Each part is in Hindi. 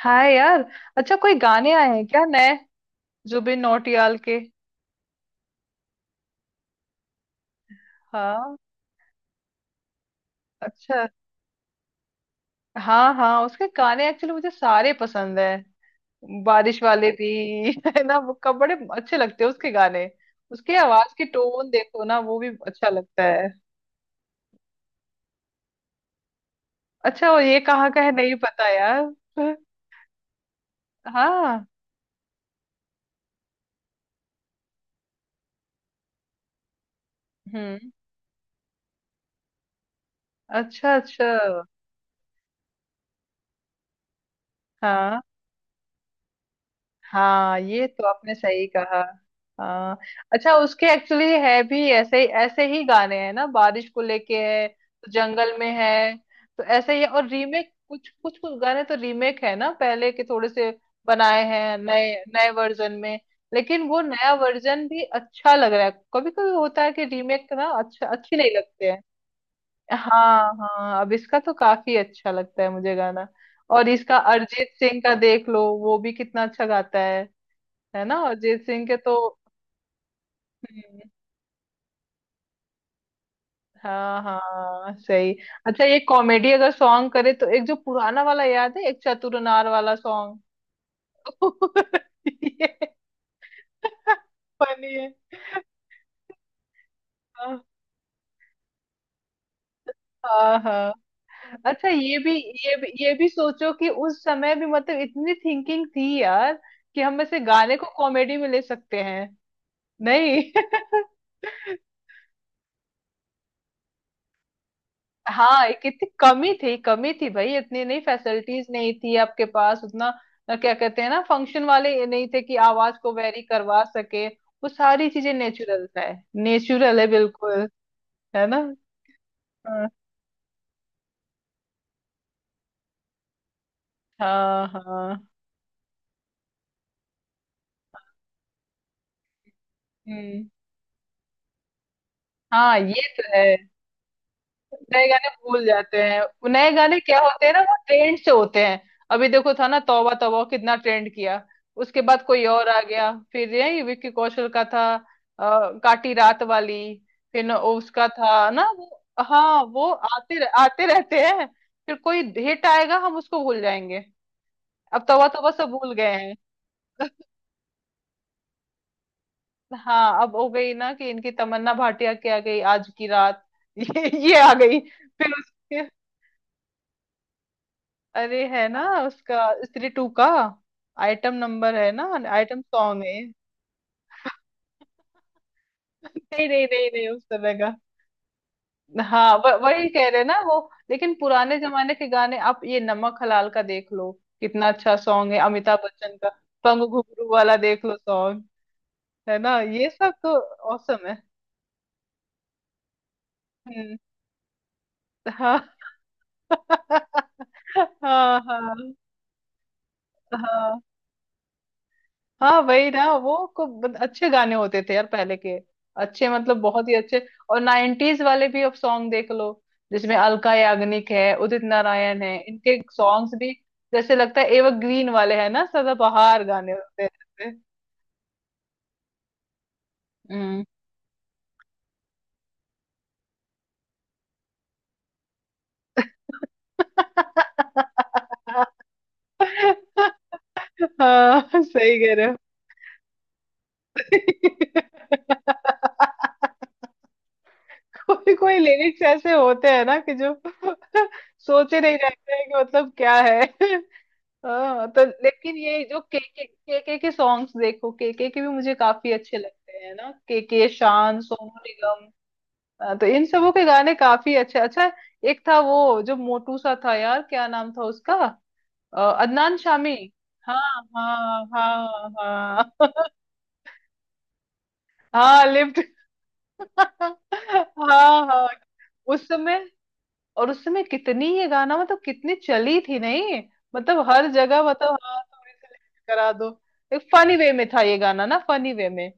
हाय यार। अच्छा, कोई गाने आए हैं क्या नए, जुबिन नौटियाल के? हाँ। अच्छा। हाँ हाँ, उसके गाने एक्चुअली मुझे सारे पसंद है, बारिश वाले भी। है ना, वो कब बड़े अच्छे लगते हैं उसके गाने। उसकी आवाज की टोन देखो ना, वो भी अच्छा लगता है। अच्छा, और ये कहाँ का है, नहीं पता यार। हाँ। हम्म। अच्छा अच्छा। हाँ हाँ, ये तो आपने सही कहा। हाँ। अच्छा, उसके एक्चुअली है भी ऐसे, ऐसे ही गाने हैं ना, बारिश को लेके है, तो जंगल में है, तो ऐसे ही। और रीमेक कुछ कुछ कुछ गाने, तो रीमेक है ना पहले के, थोड़े से बनाए हैं नए नए वर्जन में। लेकिन वो नया वर्जन भी अच्छा लग रहा है। कभी कभी होता है कि रीमेक ना अच्छा, अच्छी नहीं लगते हैं। हाँ हाँ, अब इसका तो काफी अच्छा लगता है मुझे गाना। और इसका अरिजीत सिंह का देख लो, वो भी कितना अच्छा गाता है। है ना, अरिजीत सिंह के तो। हम्म। हाँ हाँ सही। अच्छा, ये कॉमेडी अगर सॉन्ग करे तो, एक जो पुराना वाला याद है, एक चतुरनार वाला सॉन्ग। ये फनी है। हाँ हाँ हाँ। अच्छा ये भी सोचो कि उस समय भी मतलब इतनी थिंकिंग थी यार, कि हम ऐसे गाने को कॉमेडी में ले सकते हैं। नहीं। हाँ, ये कितनी कमी थी, कमी थी भाई, इतनी नहीं, फैसिलिटीज नहीं थी आपके पास उतना। क्या कहते हैं ना, फंक्शन वाले, ये नहीं थे कि आवाज को वेरी करवा सके, वो सारी चीजें नेचुरल है। नेचुरल है बिल्कुल। है ना। हाँ हाँ हाँ। हम्म। हाँ ये तो है। नए गाने भूल जाते हैं, वो नए गाने क्या होते हैं ना, वो ट्रेंड से होते हैं। अभी देखो था ना तौबा तौबा, कितना ट्रेंड किया। उसके बाद कोई और आ गया, फिर यही विक्की कौशल का था काटी रात वाली। फिर न वो उसका था ना वो। हाँ, वो आते रहते हैं। फिर कोई हिट आएगा, हम उसको भूल जाएंगे। अब तौबा तौबा सब भूल गए हैं। हाँ, अब हो गई ना कि इनकी, तमन्ना भाटिया की आ गई आज की रात ये आ गई फिर उसके। अरे है ना, उसका स्त्री टू का आइटम नंबर है ना, आइटम सॉन्ग है। नहीं नहीं नहीं नहीं, उस तरह का। हाँ, वही कह रहे हैं ना वो। लेकिन पुराने जमाने के गाने, आप ये नमक हलाल का देख लो, कितना अच्छा सॉन्ग है अमिताभ बच्चन का। पंग घुंघरू वाला देख लो सॉन्ग, है ना। ये सब तो औसम है। हम्म। हाँ। हाँ हाँ हाँ हाँ, वही ना वो को अच्छे गाने होते थे यार पहले के, अच्छे मतलब बहुत ही अच्छे। और नाइन्टीज वाले भी अब सॉन्ग देख लो, जिसमें अलका याग्निक है, उदित नारायण है, इनके सॉन्ग्स भी जैसे लगता है एवरग्रीन वाले हैं ना, सदाबहार गाने होते हैं जैसे। हम्म। हाँ सही कह रहे हो। कोई कोई लिरिक्स ऐसे होते हैं ना कि जो सोचे नहीं रहते हैं कि मतलब क्या है। हाँ, तो लेकिन ये जो के के के सॉन्ग्स देखो, के भी मुझे काफी अच्छे लगते हैं ना, के, शान, सोनू निगम। हाँ, तो इन सबों के गाने काफी अच्छे। अच्छा, एक था वो जो मोटू सा था यार, क्या नाम था उसका। अदनान शामी। हाँ हाँ हाँ हाँ हाँ, लिफ्ट। हाँ हाँ, उस समय। और उस समय कितनी ये गाना मतलब कितनी चली थी नहीं, मतलब हर जगह मतलब, हाँ, करा दो। एक फनी वे में था ये गाना ना, फनी वे में।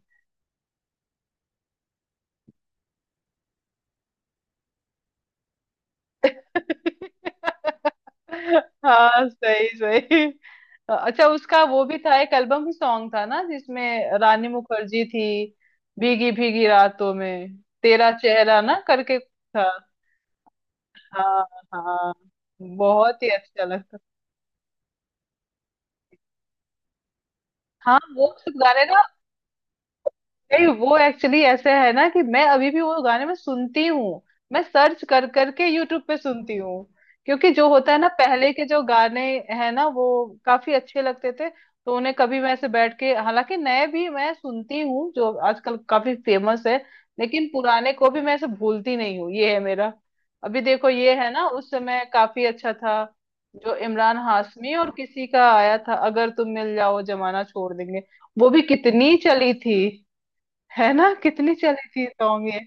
हाँ सही सही। अच्छा, उसका वो भी था एक एल्बम सॉन्ग था ना जिसमें रानी मुखर्जी थी, भीगी भीगी रातों में तेरा चेहरा ना, करके था। हाँ हाँ, बहुत ही अच्छा लगता। हाँ वो सब गाने ना, नहीं वो एक्चुअली ऐसे है ना कि मैं अभी भी वो गाने में सुनती हूँ, मैं सर्च कर करके यूट्यूब पे सुनती हूँ, क्योंकि जो होता है ना पहले के जो गाने हैं ना, वो काफी अच्छे लगते थे, तो उन्हें कभी मैं ऐसे बैठ के, हालांकि नए भी मैं सुनती हूँ जो आजकल काफी फेमस है, लेकिन पुराने को भी मैं ऐसे भूलती नहीं हूँ, ये है मेरा। अभी देखो ये है ना, उस समय काफी अच्छा था जो इमरान हाशमी और किसी का आया था, अगर तुम मिल जाओ जमाना छोड़ देंगे। वो भी कितनी चली थी, है ना, कितनी चली थी सॉन्ग ये।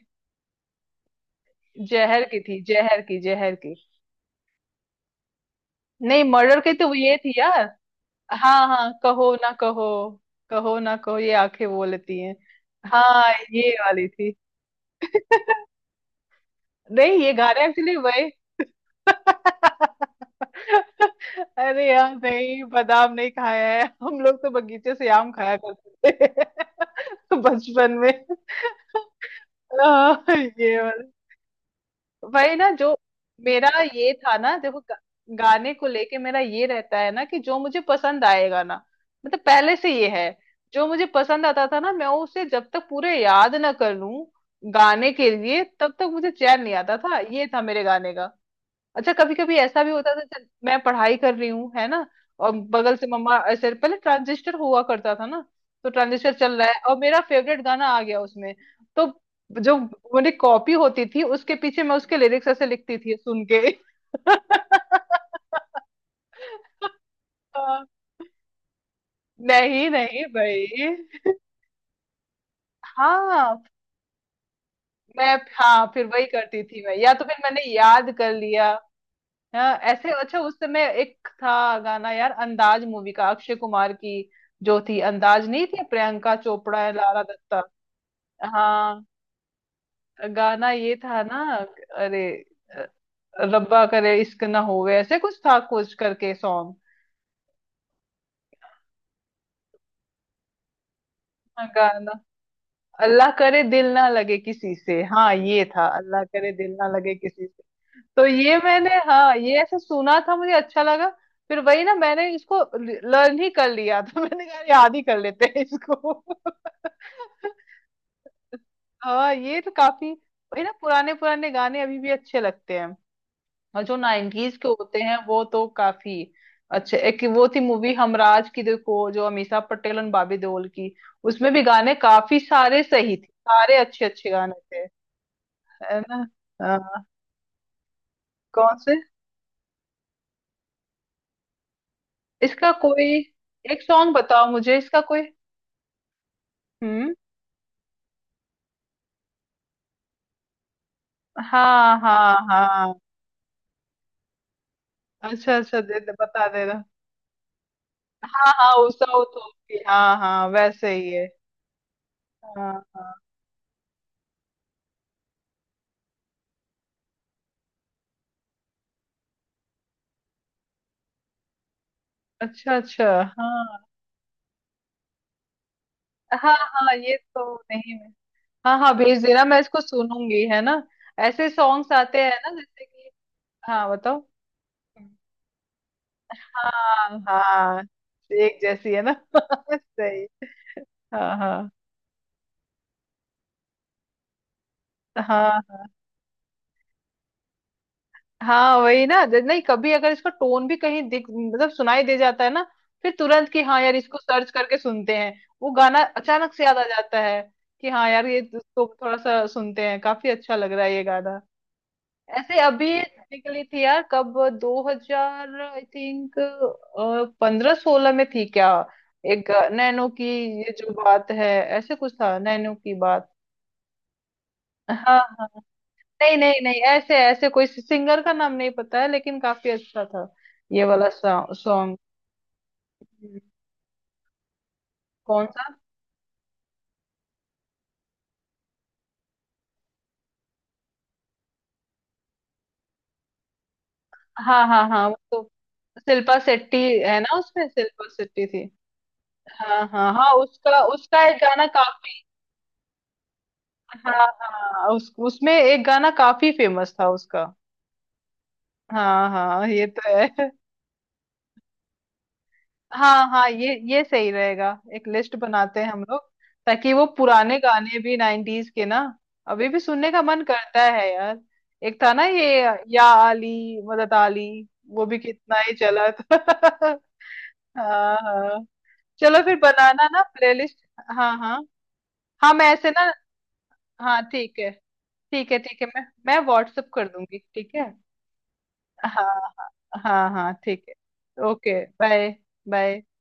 जहर की थी, जहर की, जहर की। नहीं मर्डर की तो वो ये थी यार, हाँ हाँ, कहो ना कहो, कहो ना कहो ये आंखें बोलती हैं। हाँ, ये वाली थी। नहीं ये गाना एक्चुअली वही। अरे यार, नहीं बादाम नहीं खाया है, हम लोग तो बगीचे से आम खाया करते थे बचपन में। आह, ये वाला, वही ना जो, मेरा ये था ना देखो गाने को लेके, मेरा ये रहता है ना कि जो मुझे पसंद आएगा ना, मतलब पहले से ये है, जो मुझे पसंद आता था ना, मैं उसे जब तक पूरे याद ना कर लूं गाने के लिए, तब तक मुझे चैन नहीं आता था, ये था मेरे गाने का। अच्छा, कभी कभी ऐसा भी होता था, चल मैं पढ़ाई कर रही हूँ है ना, और बगल से मम्मा ऐसे, पहले ट्रांजिस्टर हुआ करता था ना, तो ट्रांजिस्टर चल रहा है और मेरा फेवरेट गाना आ गया उसमें, तो जो मेरी कॉपी होती थी उसके पीछे मैं उसके लिरिक्स ऐसे लिखती थी सुन के। हाँ, नहीं नहीं भाई। हाँ मैं हाँ, फिर वही करती थी मैं, या तो फिर मैंने याद कर लिया। हाँ, ऐसे। अच्छा, उस समय एक था गाना यार, अंदाज मूवी का, अक्षय कुमार की, जो थी अंदाज, नहीं थी, प्रियंका चोपड़ा है, लारा दत्ता। हाँ, गाना ये था ना। अरे अ, रब्बा करे इश्क ना होवे, ऐसे कुछ था कुछ करके सॉन्ग। गाना अल्लाह करे दिल ना लगे किसी से, हाँ ये था, अल्लाह करे दिल ना लगे किसी से। तो ये मैंने, हाँ ये ऐसे सुना था, मुझे अच्छा लगा, फिर वही ना मैंने इसको लर्न ही कर लिया था। मैंने कहा याद ही कर लेते हैं इसको। हाँ ये तो काफी, वही ना, पुराने पुराने गाने अभी भी अच्छे लगते हैं। और जो नाइनटीज के होते हैं वो तो काफी अच्छे। एक वो थी मूवी हमराज की देखो, जो अमीषा पटेल और बॉबी देओल की, उसमें भी गाने काफी सारे सही थे, सारे अच्छे अच्छे गाने थे, है ना। हाँ, कौन से। इसका कोई एक सॉन्ग बताओ मुझे, इसका कोई। हम्म। हाँ हाँ हाँ। अच्छा अच्छा, दे दे, बता दे रहा। हाँ हाँ, वो साउथ की, हाँ हाँ, वैसे ही है। हाँ हाँ। अच्छा अच्छा। हाँ हाँ हाँ, ये तो नहीं है। हाँ हाँ, भेज देना, मैं इसको सुनूंगी, है ना। ऐसे सॉन्ग्स आते हैं ना, जैसे कि, हाँ बताओ। हाँ हाँ, एक जैसी है ना। सही। हाँ हाँ हाँ। हाँ वही ना, नहीं, कभी अगर इसका टोन भी कहीं दिख, मतलब सुनाई दे जाता है ना, फिर तुरंत कि हाँ यार इसको सर्च करके सुनते हैं, वो गाना अचानक से याद आ जाता है कि हाँ यार, ये इसको थोड़ा सा सुनते हैं, काफी अच्छा लग रहा है ये गाना। ऐसे अभी निकली थी यार, कब, दो हजार आई थिंक पंद्रह सोलह में थी क्या, एक नैनो की, ये जो बात है, ऐसे कुछ था नैनो की बात। हाँ, नहीं नहीं नहीं ऐसे, ऐसे कोई सिंगर का नाम नहीं पता है, लेकिन काफी अच्छा था ये वाला सॉन्ग। कौन सा। हाँ हाँ हाँ वो तो, शिल्पा शेट्टी है ना, उसमें शिल्पा शेट्टी थी। हाँ हाँ हाँ उसका, उसका एक गाना काफी, हाँ हाँ, उस उसमें एक गाना काफी फेमस था उसका। हाँ हाँ ये तो है। हाँ हाँ ये सही रहेगा, एक लिस्ट बनाते हैं हम लोग, ताकि वो पुराने गाने भी, नाइनटीज के ना अभी भी सुनने का मन करता है यार। एक था ना ये, या आली, मदद आली, वो भी कितना ही चला था। हाँ हाँ, चलो फिर बनाना ना प्लेलिस्ट। हाँ हाँ हाँ, मैं ऐसे ना, हाँ ठीक है। ठीक है ठीक है, मैं व्हाट्सअप कर दूंगी, ठीक है। हाँ हाँ हाँ हाँ, ठीक है, ओके बाय। बाय।